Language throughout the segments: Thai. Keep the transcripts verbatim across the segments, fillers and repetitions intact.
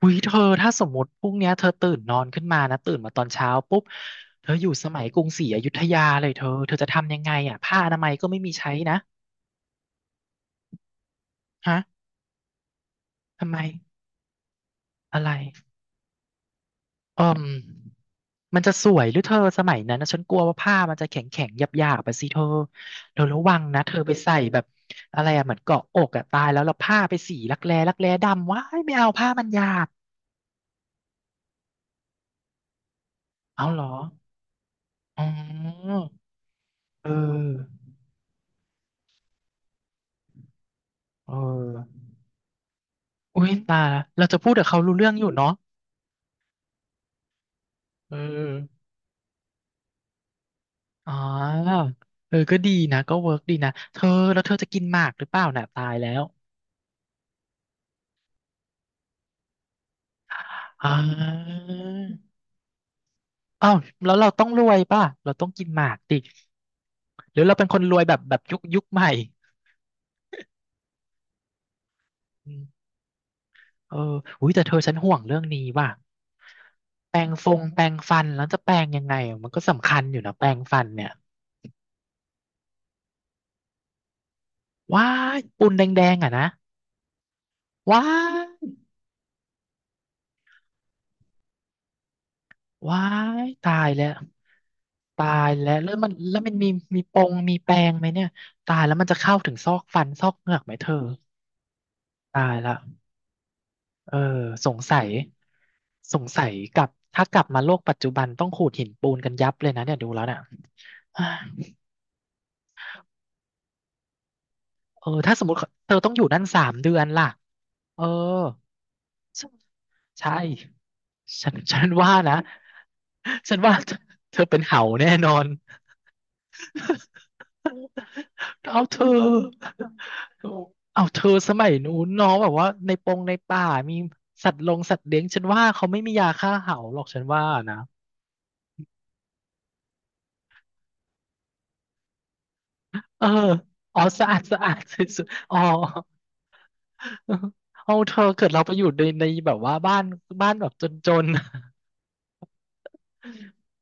อุ้ยเธอถ้าสมมติพรุ่งเนี้ยเธอตื่นนอนขึ้นมานะตื่นมาตอนเช้าปุ๊บเธออยู่สมัยกรุงศรีอยุธยาเลยเธอเธอจะทำยังไงอ่ะผ้าอนามัยก็ไม่มีใช้นะฮะทำไมอะไรอืมมันจะสวยหรือเธอสมัยนั้นนะฉันกลัวว่าผ้ามันจะแข็งแข็งหยาบหยาบไปสิเธอเธอระวังนะเธอไปใส่แบบอะไรอ่ะเหมือนเกาะอกอ่ะตายแล้วแล้วผ้าไปสีรักแร้รักแร้ดำว้ายไม่เอาผ้ามันหยาบเอาเหรออ๋อเออเออ อุ้ยตายละเราจะพูดกับเขารู้เรื่องอยู่เนาะเอออ๋อเออก็ดีนะก็เวิร์กดีนะเธอแล้วเธอจะกินหมากหรือเปล่าน่ะตายแล้วอ่าอ้าวแล้วเราต้องรวยป่ะเราต้องกินหมากดิหรือเราเป็นคนรวยแบบแบบยุคยุคใหม่อืมเอออุ้ยแต่เธอฉันห่วงเรื่องนี้ว่ะแปรงฟงแปรงฟันแล้วจะแปรงยังไงอะมันก็สำคัญอยู่นะแปรงฟันเนี่ยว้ายปูนแดงๆอ่ะนะว้าย ว้ายตายแล้วตายแล้วแล้วมันแล้วมันมีมีปงมีแปรงไหมเนี่ยตายแล้วมันจะเข้าถึงซอกฟันซอกเหงือกไหมเธอตายละเออสงสัยสงสัยกลับถ้ากลับมาโลกปัจจุบันต้องขูดหินปูนกันยับเลยนะเนี่ยดูแล้วเนี่ยเออถ้าสมมติเธอต้องอยู่นั่นสามเดือนล่ะเออใช่ฉันฉันว่านะฉันว่าเธอเป็นเห่าแน่นอน เอาเธอเอาเธอสมัยนู้นเน้องแบบว่าในปงในป่ามีสัตว์ลงสัตว์เลี้ยงฉันว่าเขาไม่มียาฆ่าเห่าหรอกฉันว่านะเอออ๋อสะอาดสะอาดสุดๆอ๋อเอาเธอเกิดเราไปอยู่ในในแบบว่าบ้านบ้านแบบจน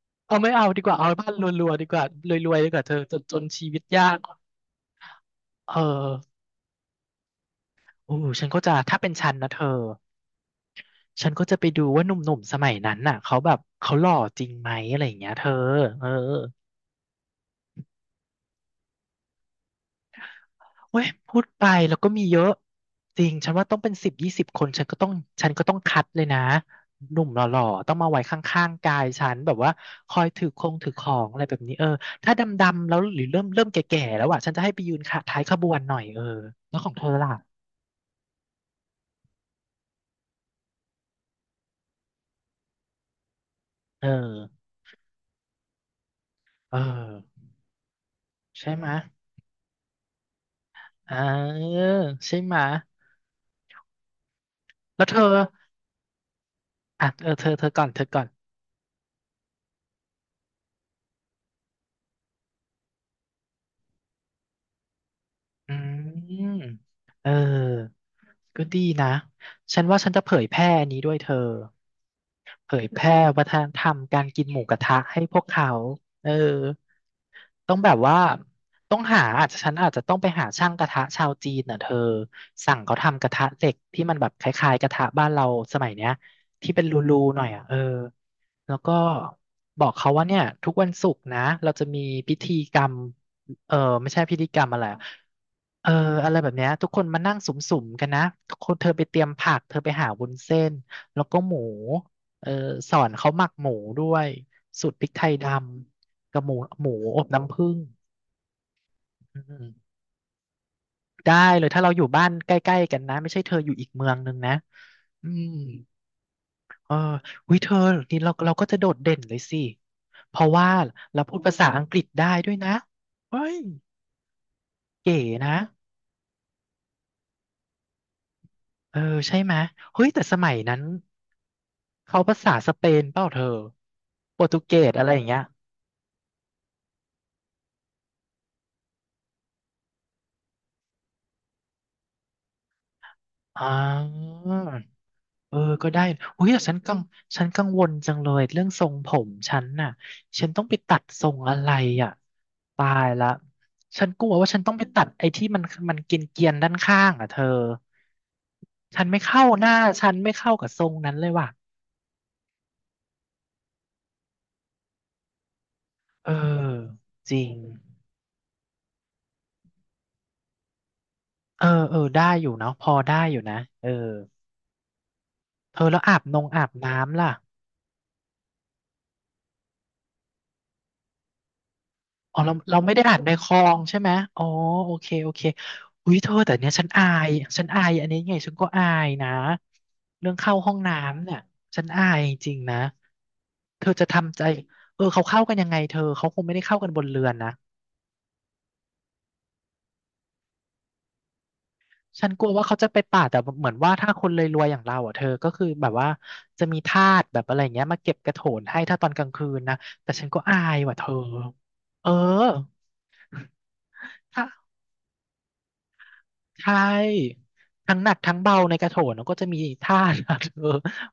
ๆเอาไม่เอาดีกว่าเอาบ้านรวยๆดีกว่ารวยๆดีกว่าเธอจนๆชีวิตยากเออโอ้ฉันก็จะถ้าเป็นฉันนะเธอ ฉันก็จะไปดูว่าหนุ่มๆสมัยนั้นน่ะเขาแบบเขาหล่อจริงไหมอะไรอย่างเงี้ยเธอเออเว้ยพูดไปแล้วก็มีเยอะจริงฉันว่าต้องเป็นสิบยี่สิบคนฉันก็ต้องฉันก็ต้องคัดเลยนะหนุ่มหล่อๆต้องมาไว้ข้างๆกายฉันแบบว่าคอยถือคงถือของอะไรแบบนี้เออถ้าดำๆแล้วหรือเริ่มเริ่มแก่ๆแล้วอ่ะฉันจะให้ไปยืนขาท้ายขบวนหน่อยเออแล้วของเธอล่ะเออเออใช่ไหมะอ่าใช่ไหมะแล้วเธออ่ะเออเธอเธอก่อนเธอก่อน อืมเออก็ดีนะ ฉันว่าฉันจะเผยแพร่นี้ด้วยเธอ เผยแพร่วัฒนธรรมการกินหมูกระทะให้พวกเขาเออต้องแบบว่าต้องหาอาจจะฉันอาจจะต้องไปหาช่างกระทะชาวจีนน่ะเธอ สั่งเขาทำกระทะเหล็กที่มันแบบคล้ายๆกระทะบ้านเราสมัยเนี้ยที่เป็นรูๆหน่อยอ่ะเออ แล้วก็บอกเขาว่าเนี่ยทุกวันศุกร์นะเราจะมีพิธีกรรมเออไม่ใช่พิธีกรรมอะไรอะเอออะไรแบบเนี้ยทุกคนมานั่งสุ่มๆกันนะทุกคนเธอไปเตรียมผักเธอไปหาวุ้นเส้นแล้วก็หมูเออสอนเขาหมักหมูด้วยสูตรพริกไทยดำกับหมูหมูอบน้ำผึ้งอืมได้เลยถ้าเราอยู่บ้านใกล้ๆกันนะไม่ใช่เธออยู่อีกเมืองนึงนะอืม เออวิเธอนี่เราเราก็จะโดดเด่นเลยสิเพราะว่าเราพูดภาษาอังกฤษได้ด้วยนะเฮ้ยเก๋นะเออใช่ไหมยเฮ้ยแต่สมัยนั้นเขาภาษาสเปนเปล่าเธอโปรตุเกสอะไรอย่างเงี้ยอ่า เออก็ได้อุ้ยแต่ฉันกังฉันกังวลจังเลยเรื่องทรงผมฉันน่ะฉันต้องไปตัดทรงอะไรอ่ะตายละฉันกลัวว่าฉันต้องไปตัดไอ้ที่มันมันเกรียนๆด้านข้างอ่ะเธอฉันไม่เข้าหน้าฉันไม่เข้ากับทรงนั้นเลยว่ะเออจริง เออเออได้อยู่เนาะพอได้อยู่นะเออเธอแล้วอาบนงอาบน้ำล่ะ อ๋อเราเราไม่ได้อ่านในคลองใช่ไหมอ๋อโอเคโอเคอุ้ยเธอแต่เนี้ยฉันอายฉันอายอันนี้ไงฉันก็อายนะเรื่องเข้าห้องน้ำเนี่ยฉันอายจริงๆนะเธอจะทำใจเออเขาเข้ากันยังไงเธอเขาคงไม่ได้เข้ากันบนเรือนนะฉันกลัวว่าเขาจะไปป่าดแต่เหมือนว่าถ้าคนรวยๆอย่างเราอ่ะเธอก็คือแบบว่าจะมีทาสแบบอะไรเงี้ยมาเก็บกระโถนให้ถ้าตอนกลางคืนนะแต่ฉันก็อายว่ะเธอเออถ้า ใช่ทั้งหนักทั้งเบาในกระโถนก็จะมีท่า นะเธอ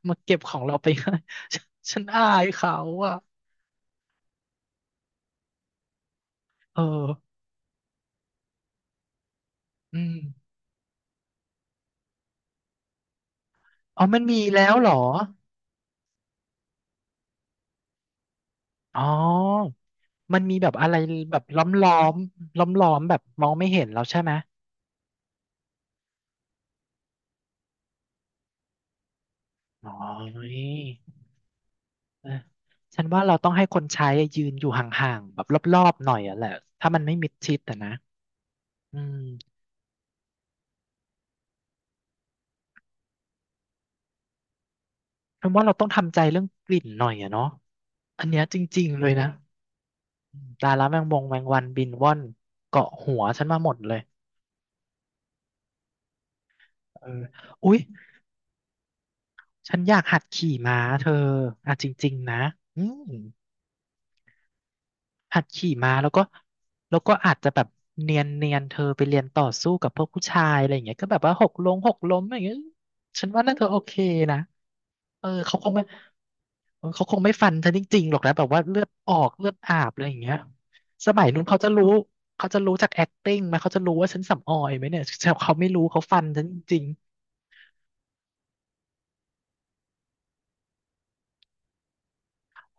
มาเก็บของเราไปให้ฉันฉันอายเขาอ่ะเอออืมอ๋อมันมีแล้วเหรออ๋อมันมีแบบอะไรแบบล้อมล้อมล้อมล้อมๆแบบมองไม่เห็นแล้วใช่ไหมอ๋อเออฉันว่าเราต้องให้คนใช้ยืนอยู่ห่างๆแบบรอบๆหน่อยอ่ะแหละถ้ามันไม่มิดชิดอะนะอืมฉันว่าเราต้องทำใจเรื่องกลิ่นหน่อยอะเนาะอันเนี้ยจริงๆเลยนะ ตายแล้วแมงมงแมงวันบินว่อนเกาะหัวฉันมาหมดเลยเอออุ๊ยฉันอยากหัดขี่ม้าเธออ่ะจริงๆนะอืมหัดขี่ม้าแล้วก็แล้วก็อาจจะแบบเนียนเนียนเธอไปเรียนต่อสู้กับพวกผู้ชายอะไรอย่างเงี้ยก็แบบว่าหกล้มหกล้มอย่างเงี้ยฉันว่าน่าจะโอเคนะ เออเขาคงไม่เออเขาคงไม่ฟันเธอจริงๆหรอกนะแบบว่าเลือดออกเลือดอาบอะไรอย่างเงี้ยสมัยนู้นเขาจะรู้เขาจะรู้จาก แอ็คติ้ง ไหมเขาจะรู้ว่าฉันสำออยไหมเนี่ยแต่เขาไม่รู้เขาฟันฉันจริง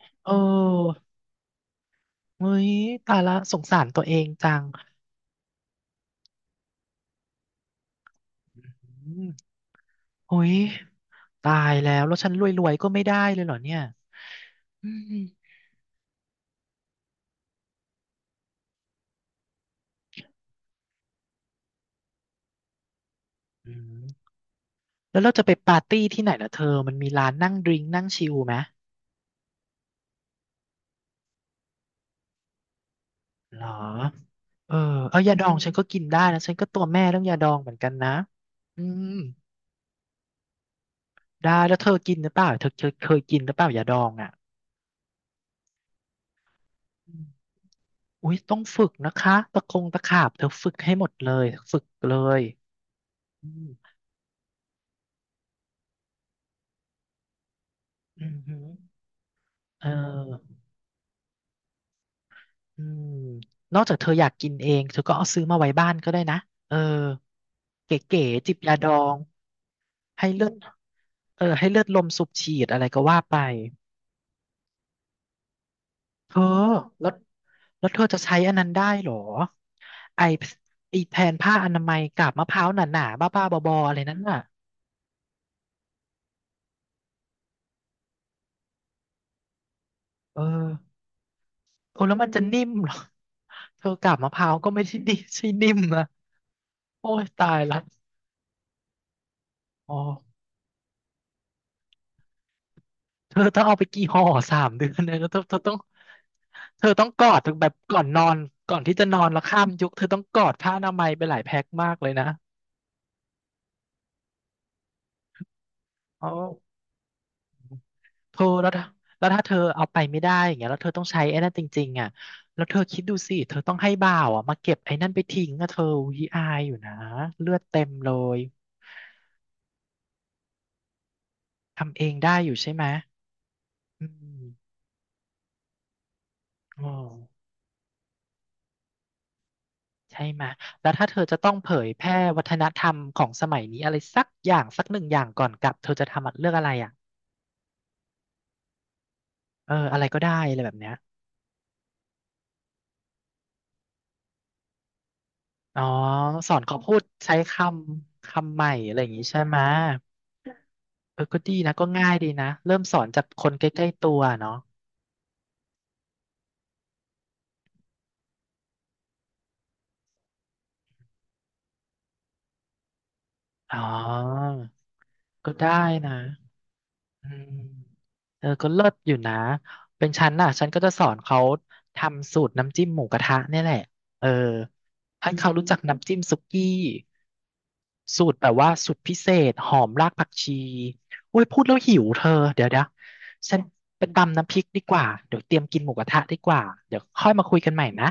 ๆเออเฮ้ยตายละสงสารตัวเองจังอืมเฮ้ยตายแล้วแล้วฉันรวยๆก็ไม่ได้เลยเหรอเนี่ยอืมอืมแล้วเราจะไปปาร์ตี้ที่ไหนล่ะเธอมันมีร้านนั่งดริงก์นั่งชิลไหมเหรอ เออเอายาดองฉันก็กินได้นะฉันก็ตัวแม่เรื่องยาดองเหมือนกันนะอืมได้แล้วเธอกินหรือเปล่าเธอเธอเคยกินหรือเปล่ายาดองอ่ะอมอุ้ยต้องฝึกนะคะตะคงตะขาบเธอฝึกให้หมดเลยฝึกเลยอืมอืมฮึเอออืมนอกจากเธออยากกินเองเธอก็เอาซื้อมาไว้บ้านก็ได้นะเออเก๋ๆจิบยาดองให้เลือดเออให้เลือดลมสูบฉีดอะไรก็ว่าไปเธอแล้ว แล้วเธอจะใช้อันนั้นได้เหรอไอไอแทนผ้าอนามัยกับมะพร้าวหนาๆบ้าๆบอๆอะไรนั่นน่ะเออโอ้แล้วมันจะนิ่มเหรอเธอกาบมะพร้าวก็ไม่ได้นิ่มใช่นิ่มนะโอ้ยตายละอ๋อเธอต้องเอาไปกี่ห่อสามเดือนเลยแล้วเธอเธอต้องเธอต้องกอดถึงแบบก่อนนอนก่อนที่จะนอนแล้วข้ามยุคเธอต้องกอดผ้าอนามัยไปหลายแพ็คมากเลยนะอ๋อ เธอแล้วถ้าแล้วถ้าเธอเอาไปไม่ได้อย่างเงี้ยแล้วเธอต้องใช้ไอ้นั่นจริงๆอ่ะแล้วเธอคิดดูสิเธอต้องให้บ่าวอ่ะมาเก็บไอ้นั่นไปทิ้งอ่ะเธอวีอายอยู่นะเลือดเต็มเลยทำเองได้อยู่ใช่ไหมอืมโอ้ใช่ไหมแล้วถ้าเธอจะต้องเผยแพร่วัฒนธรรมของสมัยนี้อะไรสักอย่างสักหนึ่งอย่างก่อนกลับเธอจะทำอะเลือกอะไรอ่ะเอออะไรก็ได้อะไรแบบเนี้ยอ๋อสอนเขาพูดใช้คำคำใหม่อะไรอย่างงี้ใช่ไหม เออก็ดีนะก็ง่ายดีนะเริ่มสอนจากคนใกล้ๆตัวเนาะอ๋อก็ได้นะอืมเออก็เลิศอยู่นะเป็นฉันน่ะฉันก็จะสอนเขาทำสูตรน้ำจิ้มหมูกระทะเนี่ยแหละเออให้เขารู้จักน้ำจิ้มสุกี้สูตรแบบว่าสูตรพิเศษหอมรากผักชีอุ้ยพูดแล้วหิวเธอเดี๋ยวเดี๋ยวฉันไปตำน้ำพริกดีกว่าเดี๋ยวเตรียมกินหมูกระทะดีกว่าเดี๋ยวค่อยมาคุยกันใหม่นะ